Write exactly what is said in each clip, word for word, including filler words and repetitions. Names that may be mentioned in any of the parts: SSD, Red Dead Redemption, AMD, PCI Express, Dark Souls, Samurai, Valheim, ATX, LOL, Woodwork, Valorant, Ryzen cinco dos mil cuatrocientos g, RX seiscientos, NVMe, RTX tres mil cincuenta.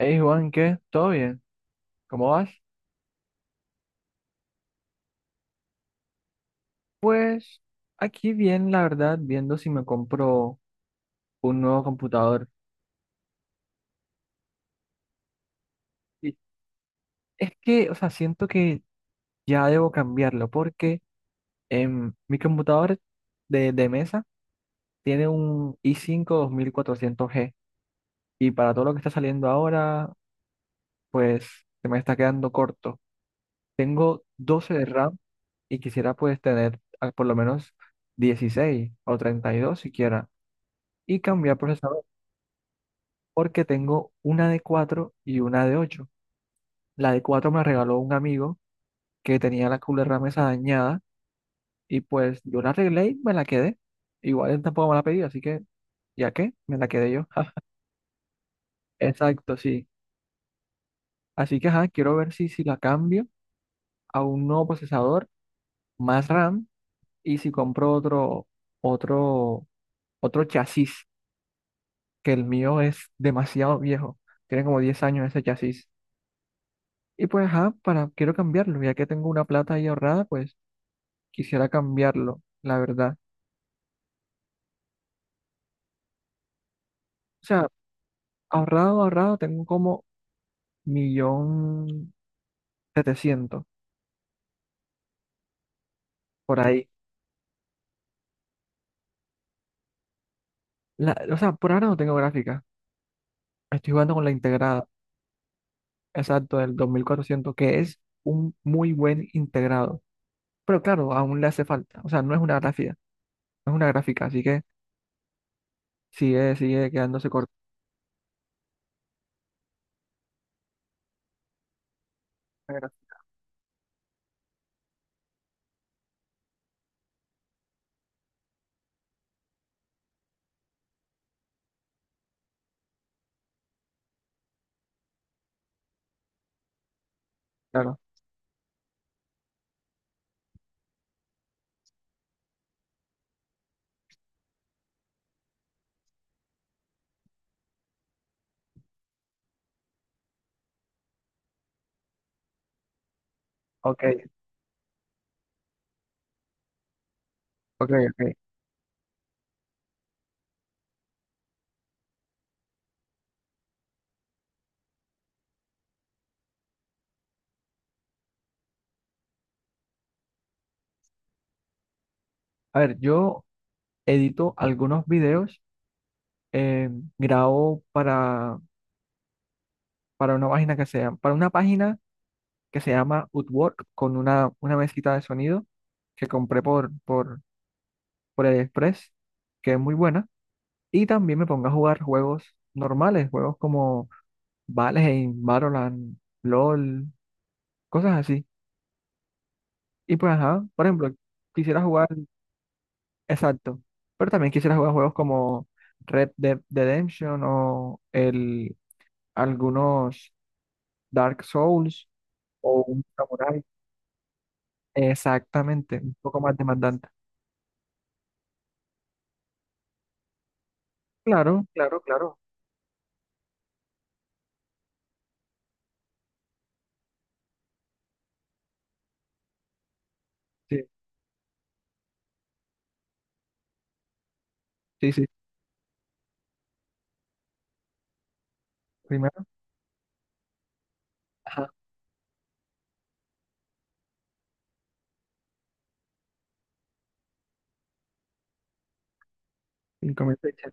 Hey Juan, ¿qué? ¿Todo bien? ¿Cómo vas? Pues aquí bien, la verdad, viendo si me compro un nuevo computador. Y es que, o sea, siento que ya debo cambiarlo porque em, mi computador de, de mesa tiene un i cinco dos mil cuatrocientos g y para todo lo que está saliendo ahora, pues se me está quedando corto. Tengo doce de RAM y quisiera pues tener ah, por lo menos dieciséis o treinta y dos siquiera y cambiar procesador porque tengo una de cuatro y una de ocho. La de cuatro me la regaló un amigo que tenía la mesa dañada y pues yo la arreglé y me la quedé. Igual él tampoco me la pedí, así que ya que me la quedé yo. Exacto, sí. Así que ajá, quiero ver si, si la cambio a un nuevo procesador, más RAM y si compro otro, otro, otro chasis, que el mío es demasiado viejo. Tiene como diez años ese chasis. Y pues ajá, para, quiero cambiarlo, ya que tengo una plata ahí ahorrada, pues quisiera cambiarlo, la verdad. O sea, ahorrado, ahorrado, tengo como millón setecientos por ahí. La- o sea, por ahora no tengo gráfica. Estoy jugando con la integrada, exacto, del dos mil cuatrocientos que es un muy buen integrado. Pero claro, aún le hace falta. O sea, no es una gráfica, no es una gráfica, así que sigue, sigue quedándose corta. Claro, ok, ok, ok. A ver, yo edito algunos videos, eh, grabo para, para una página que sea, para una página que se llama Woodwork con una, una mesita de sonido que compré por, por, por el Express que es muy buena. Y también me pongo a jugar juegos normales, juegos como Valheim, Valorant, LOL, cosas así. Y pues, ajá, por ejemplo, quisiera jugar, exacto, pero también quisiera jugar juegos como Red Dead Redemption o el, algunos Dark Souls o un Samurai. Exactamente, un poco más demandante. Claro, claro, claro. Sí, sí, sí. Primero, ajá, cinco mil fechas.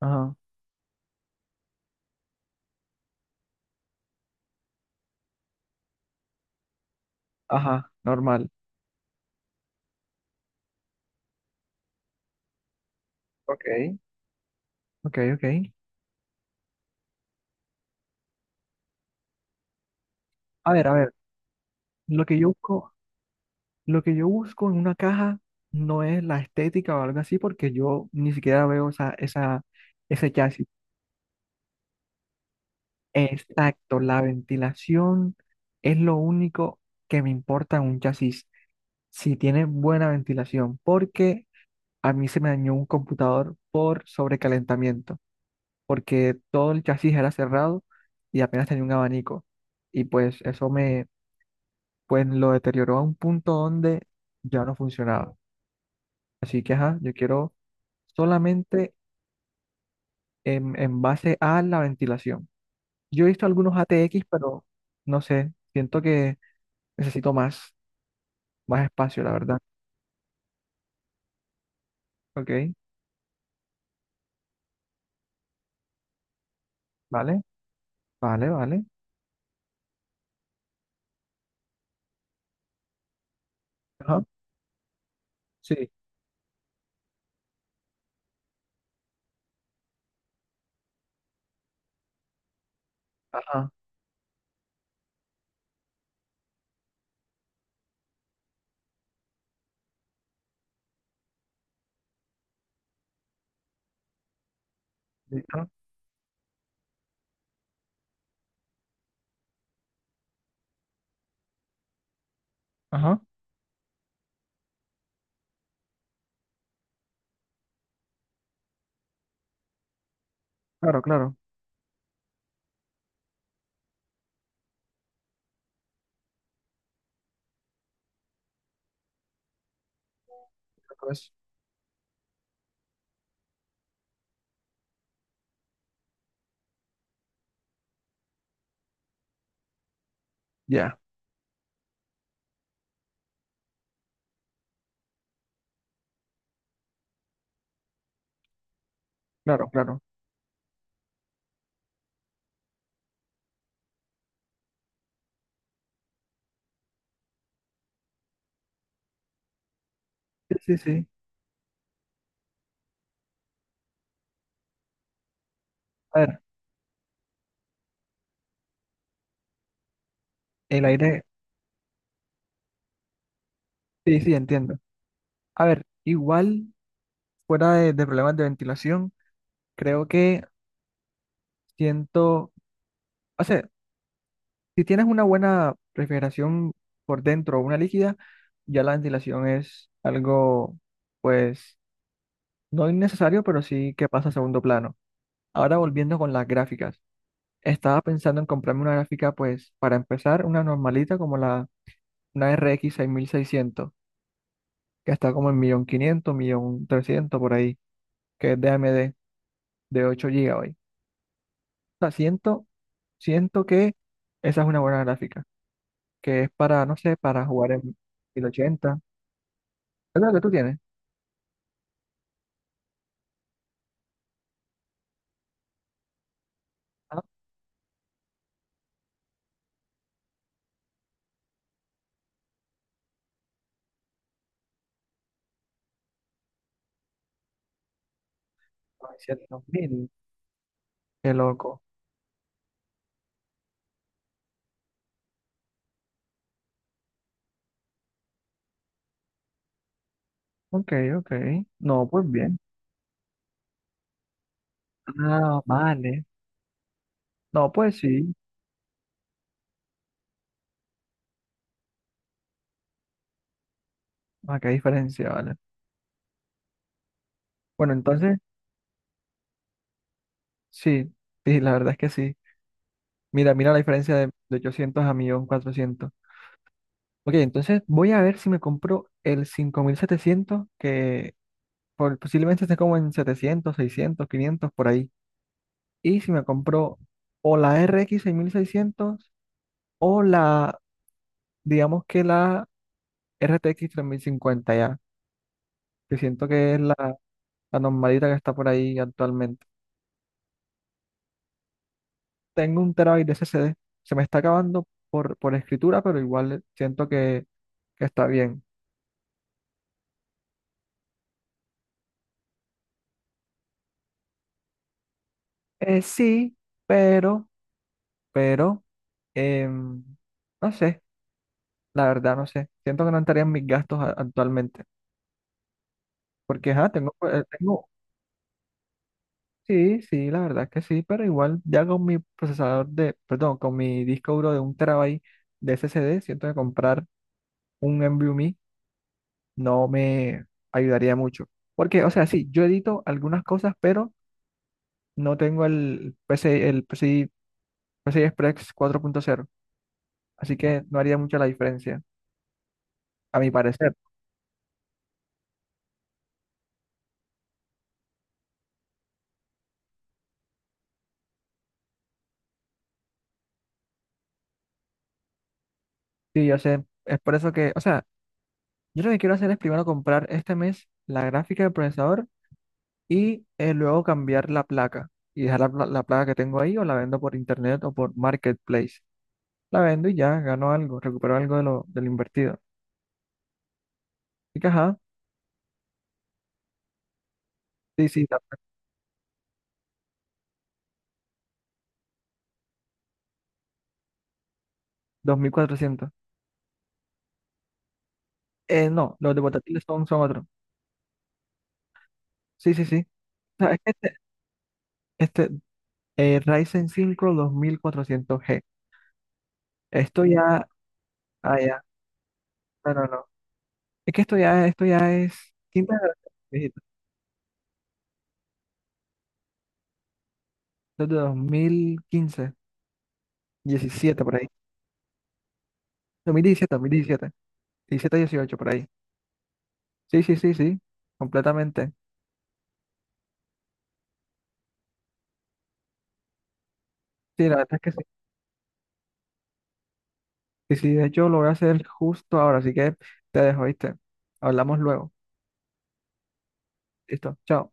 Ajá, ajá, normal. Ok, ok, ok. A ver, a ver, lo que yo busco, lo que yo busco en una caja no es la estética o algo así, porque yo ni siquiera veo esa, esa, ese chasis. Exacto, la ventilación es lo único que me importa en un chasis, si tiene buena ventilación, porque a mí se me dañó un computador por sobrecalentamiento, porque todo el chasis era cerrado y apenas tenía un abanico. Y pues eso me, pues lo deterioró a un punto donde ya no funcionaba. Así que, ajá, yo quiero solamente en, en base a la ventilación. Yo he visto algunos A T X, pero no sé, siento que necesito más, más espacio, la verdad. Ok, vale, vale, vale. Ajá, sí, ajá, listo, ajá, claro, claro. Pues, ya, claro, claro. Sí, sí, sí. A ver, el aire. Sí, sí, entiendo. A ver, igual, fuera de, de problemas de ventilación, creo que siento, o sea, si tienes una buena refrigeración por dentro o una líquida, ya la ventilación es algo, pues, no innecesario, pero sí que pasa a segundo plano. Ahora volviendo con las gráficas, estaba pensando en comprarme una gráfica, pues, para empezar, una normalita como la, una R X seiscientos que está como en un millón quinientos mil, un millón trescientos mil por ahí, que es de A M D de ocho gigabytes. Sea, siento, siento que esa es una buena gráfica, que es para, no sé, para jugar en mil ochenta. ¿Es lo que tú tienes? Ah, novecientos mil. Qué loco. Ok, ok. No, pues bien. Ah, vale. No, pues sí. Ah, qué diferencia, vale. Bueno, entonces, sí, sí, la verdad es que sí. Mira, mira la diferencia de, de ochocientos a mil cuatrocientos. Ok, entonces voy a ver si me compro el cinco mil setecientos que por- posiblemente esté como en setecientos, seiscientos, quinientos por ahí. Y si me compro o la R X seis mil seiscientos o la, digamos que la R T X tres mil cincuenta ya, que siento que es la, la normalita que está por ahí actualmente. Tengo un terabyte de S S D, se me está acabando por, por escritura, pero igual siento que, que está bien. Eh, sí, pero, pero, em, no sé, la verdad no sé. Siento que no estarían mis gastos a- actualmente, porque ajá, tengo, eh, tengo. Sí, sí, la verdad que sí, pero igual ya con mi procesador de, perdón, con mi disco duro de un terabyte de S S D, siento que comprar un NVMe no me ayudaría mucho. Porque, o sea, sí, yo edito algunas cosas, pero no tengo el P C I, el P C I, P C I Express cuatro punto cero, así que no haría mucha la diferencia, a mi parecer. Sí, yo sé, es por eso que, o sea, yo lo que quiero hacer es primero comprar este mes la gráfica del procesador y eh, luego cambiar la placa y dejar la, pla- la placa que tengo ahí o la vendo por internet o por marketplace. La vendo y ya gano algo, recupero algo de lo, de lo invertido. Y que, ajá, sí, sí, ta- dos mil cuatrocientos. Eh, no, los de portátiles son, son otros. Sí, sí, sí. O sea, es que este, este eh, Ryzen cinco dos mil cuatrocientos g. Esto ya, ah, ya, no, no, no. Es que esto ya, esto ya es quinta generación, viejito. Esto es de dos mil quince, diecisiete por ahí. dos mil diecisiete dos mil diecisiete, diecisiete, dieciocho por ahí. Sí, sí, sí, sí, completamente. Sí, la verdad es que sí. Y sí de hecho lo voy a hacer justo ahora, así que te dejo, ¿viste? Hablamos luego. Listo, chao.